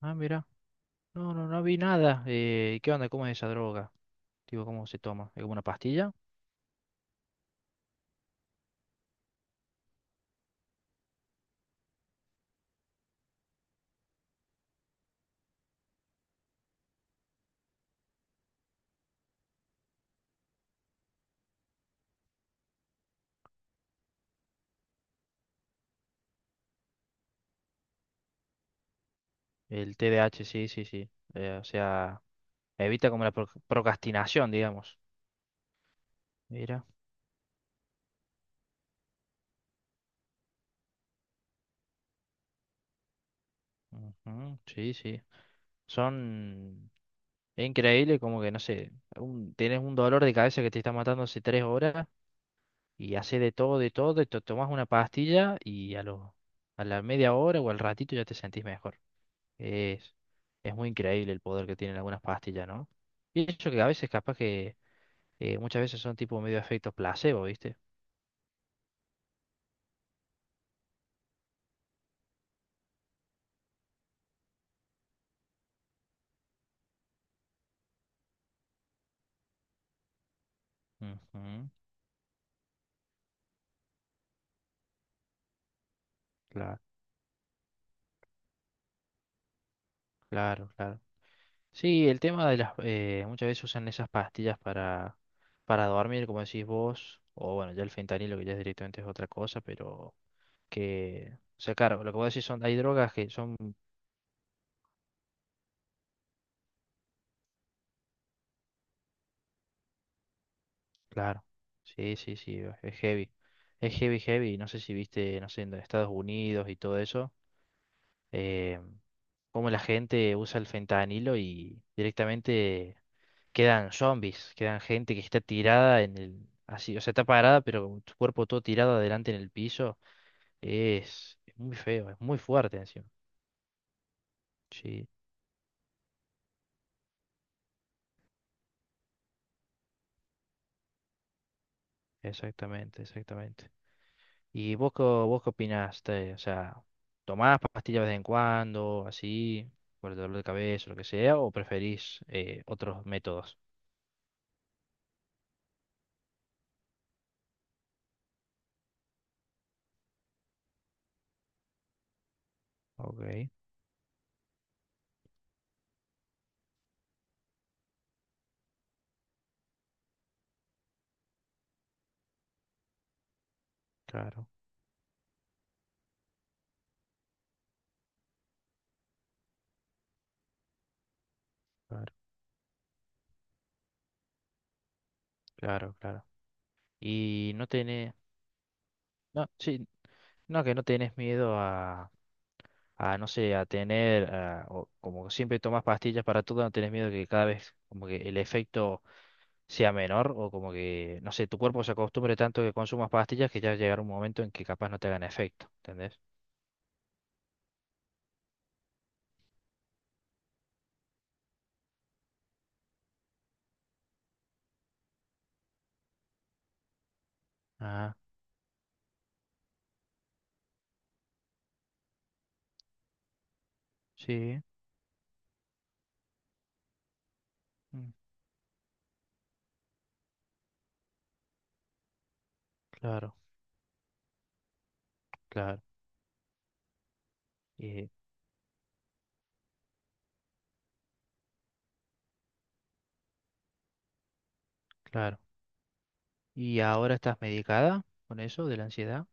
Ah, mira. No, no, no vi nada. ¿Qué onda? ¿Cómo es esa droga? Tipo, ¿cómo se toma? ¿Es como una pastilla? El TDAH, sí, sí, sí. O sea, evita como la procrastinación, digamos. Mira. Ujú, sí, sí. Son... Es increíble como que, no sé, tenés un dolor de cabeza que te está matando hace 3 horas y haces de todo, y te tomás una pastilla y a la media hora o al ratito ya te sentís mejor. Es, es muy increíble el poder que tienen algunas pastillas, ¿no? Y eso que a veces capaz que muchas veces son tipo medio efectos placebo, ¿viste? Ujú, claro, claro, claro. Sí, el tema de las, muchas veces usan esas pastillas para dormir, como decís vos, o bueno, ya el fentanilo que ya es directamente es otra cosa, pero que. O sea, claro, lo que vos decís son. Hay drogas que son. Claro, sí, sí, sí, es heavy. Es heavy, heavy. No sé si viste, no sé, en Estados Unidos y todo eso. eh, Cómo la gente usa el fentanilo y directamente quedan zombies, quedan gente que está tirada en el, así, o sea, está parada, pero con su cuerpo todo tirado adelante en el piso. Es muy feo, es muy fuerte encima. Sí, exactamente, exactamente. ¿Y vos, vos qué opinás? O sea, ¿tomás pastillas de vez en cuando, así, por el dolor de cabeza, lo que sea, o preferís otros métodos? Ok, claro, claro, claro, claro. Y no tiene. No, sí, no, que no tenés miedo a, no sé, o como siempre tomas pastillas para todo, no tenés miedo que cada vez como que el efecto sea menor o como que, no sé, tu cuerpo se acostumbre tanto que consumas pastillas que ya llegará un momento en que capaz no te hagan efecto, ¿entendés? Ah, sí, mm, claro, claro, eh, claro. ¿Y ahora estás medicada con eso de la ansiedad?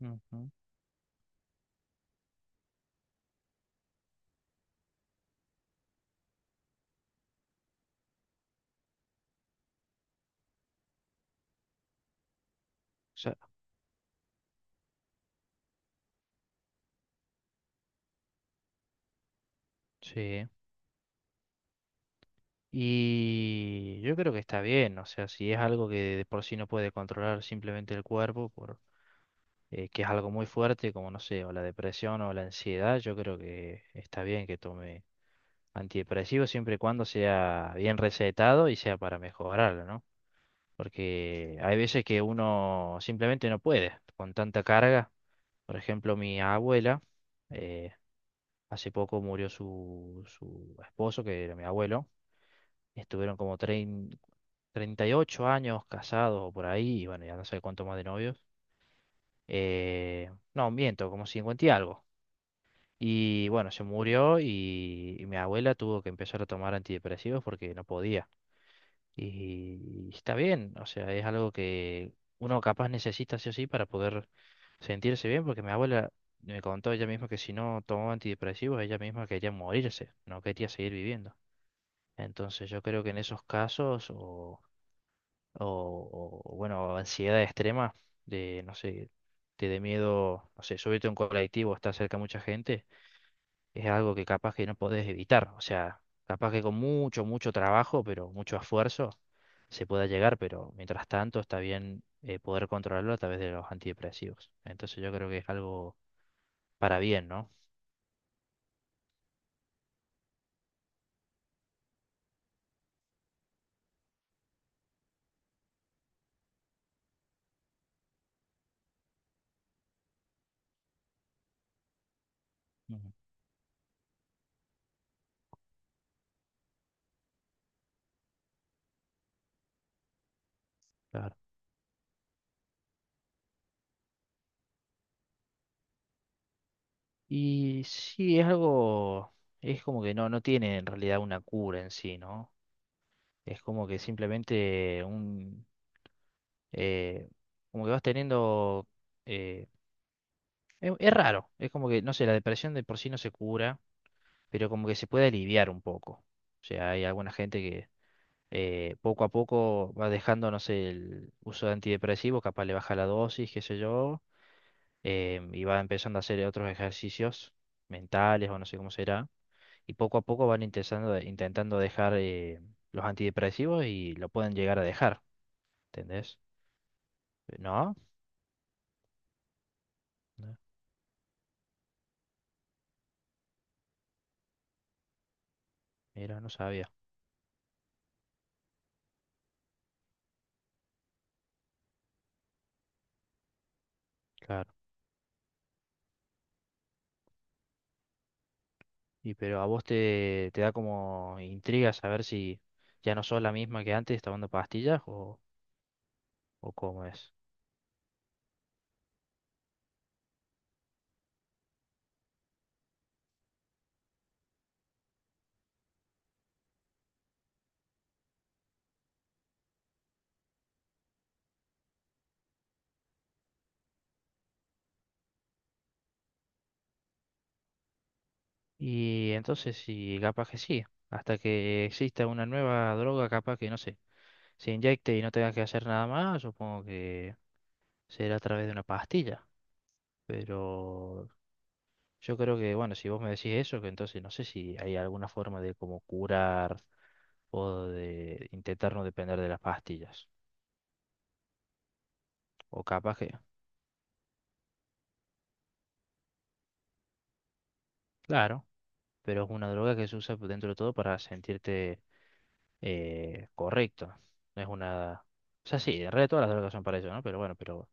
Ujú, o sea, sí. Y yo creo que está bien, o sea, si es algo que de por sí no puede controlar simplemente el cuerpo, que es algo muy fuerte, como no sé, o la depresión o la ansiedad, yo creo que está bien que tome antidepresivos siempre y cuando sea bien recetado y sea para mejorarlo, ¿no? Porque hay veces que uno simplemente no puede con tanta carga. Por ejemplo, mi abuela, eh, hace poco murió su esposo, que era mi abuelo. Estuvieron como 38 años casados o por ahí, y bueno, ya no sé cuánto más de novios. No, miento, como 50 y algo. Y bueno, se murió y mi abuela tuvo que empezar a tomar antidepresivos porque no podía. Y está bien, o sea, es algo que uno capaz necesita sí o sí para poder sentirse bien, porque mi abuela me contó ella misma que si no tomaba antidepresivos, ella misma quería morirse, no quería seguir viviendo. Entonces yo creo que en esos casos o bueno, ansiedad extrema, de, no sé, te dé miedo, no sé, subirte a un colectivo, estar cerca de mucha gente, es algo que capaz que no podés evitar, o sea, capaz que con mucho, mucho trabajo, pero mucho esfuerzo, se pueda llegar, pero mientras tanto está bien poder controlarlo a través de los antidepresivos. Entonces yo creo que es algo para bien, ¿no? Ujú. Claro. Y sí, es algo, es como que no tiene en realidad una cura en sí, ¿no? Es como que simplemente un eh, como que vas teniendo. eh, Es, raro, es como que, no sé, la depresión de por sí no se cura, pero como que se puede aliviar un poco. O sea, hay alguna gente que poco a poco va dejando, no sé, el uso de antidepresivos, capaz le baja la dosis, qué sé yo, y va empezando a hacer otros ejercicios mentales o no sé cómo será, y poco a poco van intentando, intentando dejar los antidepresivos y lo pueden llegar a dejar, ¿entendés? ¿No? No, mira, no sabía. Claro. Y pero a vos te da como intriga saber si ya no sos la misma que antes tomando pastillas o cómo es. Y entonces sí, capaz que sí. Hasta que exista una nueva droga, capaz que no sé, se inyecte y no tenga que hacer nada más, supongo que será a través de una pastilla. Pero yo creo que, bueno, si vos me decís eso, que entonces no sé si hay alguna forma de como curar o de intentar no depender de las pastillas. O capaz que, claro. Pero es una droga que se usa pues, dentro de todo para sentirte correcto. No es una. O sea, sí, en realidad todas las drogas son para eso, ¿no? Pero bueno, pero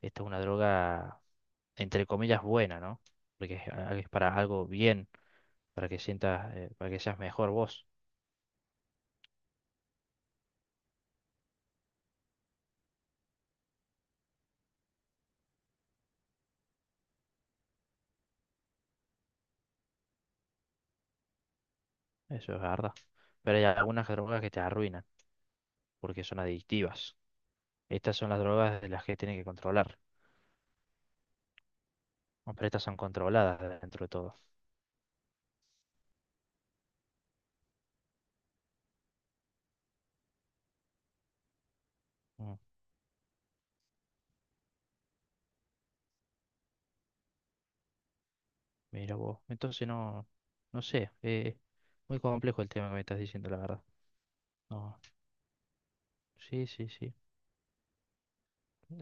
esta es una droga, entre comillas, buena, ¿no? Porque es para algo bien, para que sientas, para que seas mejor vos. Eso es verdad. Pero hay algunas drogas que te arruinan, porque son adictivas. Estas son las drogas de las que tienen que controlar. ¿No? Pero estas son controladas dentro de todo. Mm. Mira vos. Entonces no, no sé, muy complejo el tema que me estás diciendo, la verdad. No, sí, sí, sí.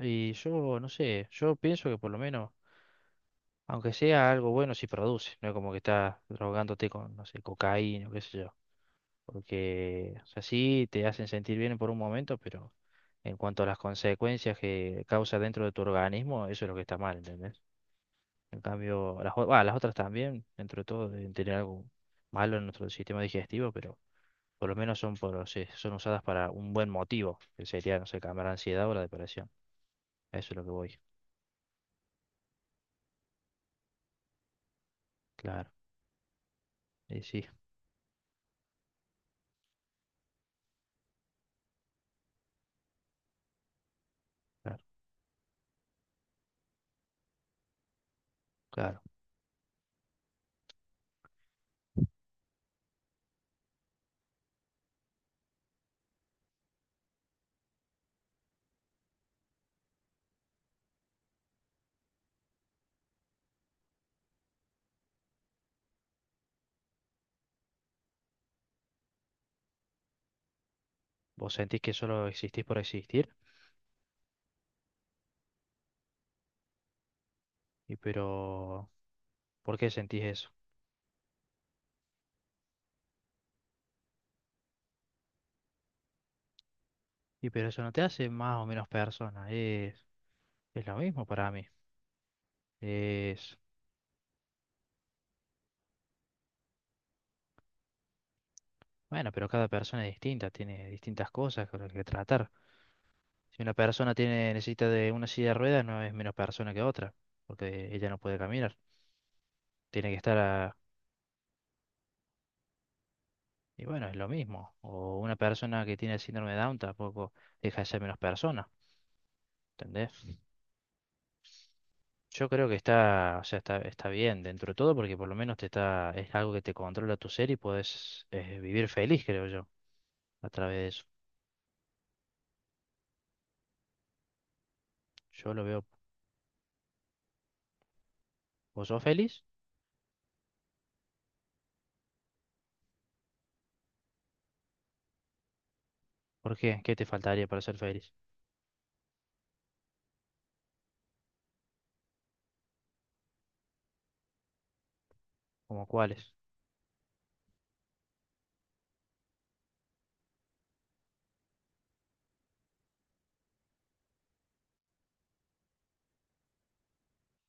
Y yo, no sé, yo pienso que por lo menos, aunque sea algo bueno, si produce, no es como que estás drogándote con, no sé, cocaína o qué sé yo. Porque, o sea, sí te hacen sentir bien por un momento, pero en cuanto a las consecuencias que causa dentro de tu organismo, eso es lo que está mal, ¿entendés? En cambio, bah, las otras también, dentro de todo, deben tener algo malo en nuestro sistema digestivo, pero Por lo menos son, sí, son usadas para un buen motivo, que sería, no sé, calmar la ansiedad o la depresión. A eso es lo que voy. Claro, y sí, claro, claro. Vos sentís que solo existís por existir, pero, ¿por qué sentís eso? Pero eso no te hace más o menos persona, es lo mismo para mí. Es, bueno, pero cada persona es distinta, tiene distintas cosas con las que tratar. Si una persona necesita de una silla de ruedas, no es menos persona que otra, porque ella no puede caminar. Tiene que estar. Y bueno, es lo mismo. O una persona que tiene el síndrome de Down tampoco deja de ser menos persona, ¿entendés? Yo creo que está, o sea, está bien dentro de todo porque por lo menos te está, es algo que te controla tu ser y puedes vivir feliz, creo yo, a través de eso. Yo lo veo. ¿Vos sos feliz? ¿Por qué? ¿Qué te faltaría para ser feliz? ¿Cómo cuáles?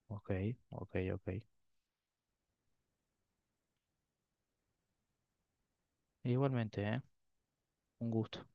Ok, ok, ok. Igualmente, ¿eh? Un gusto.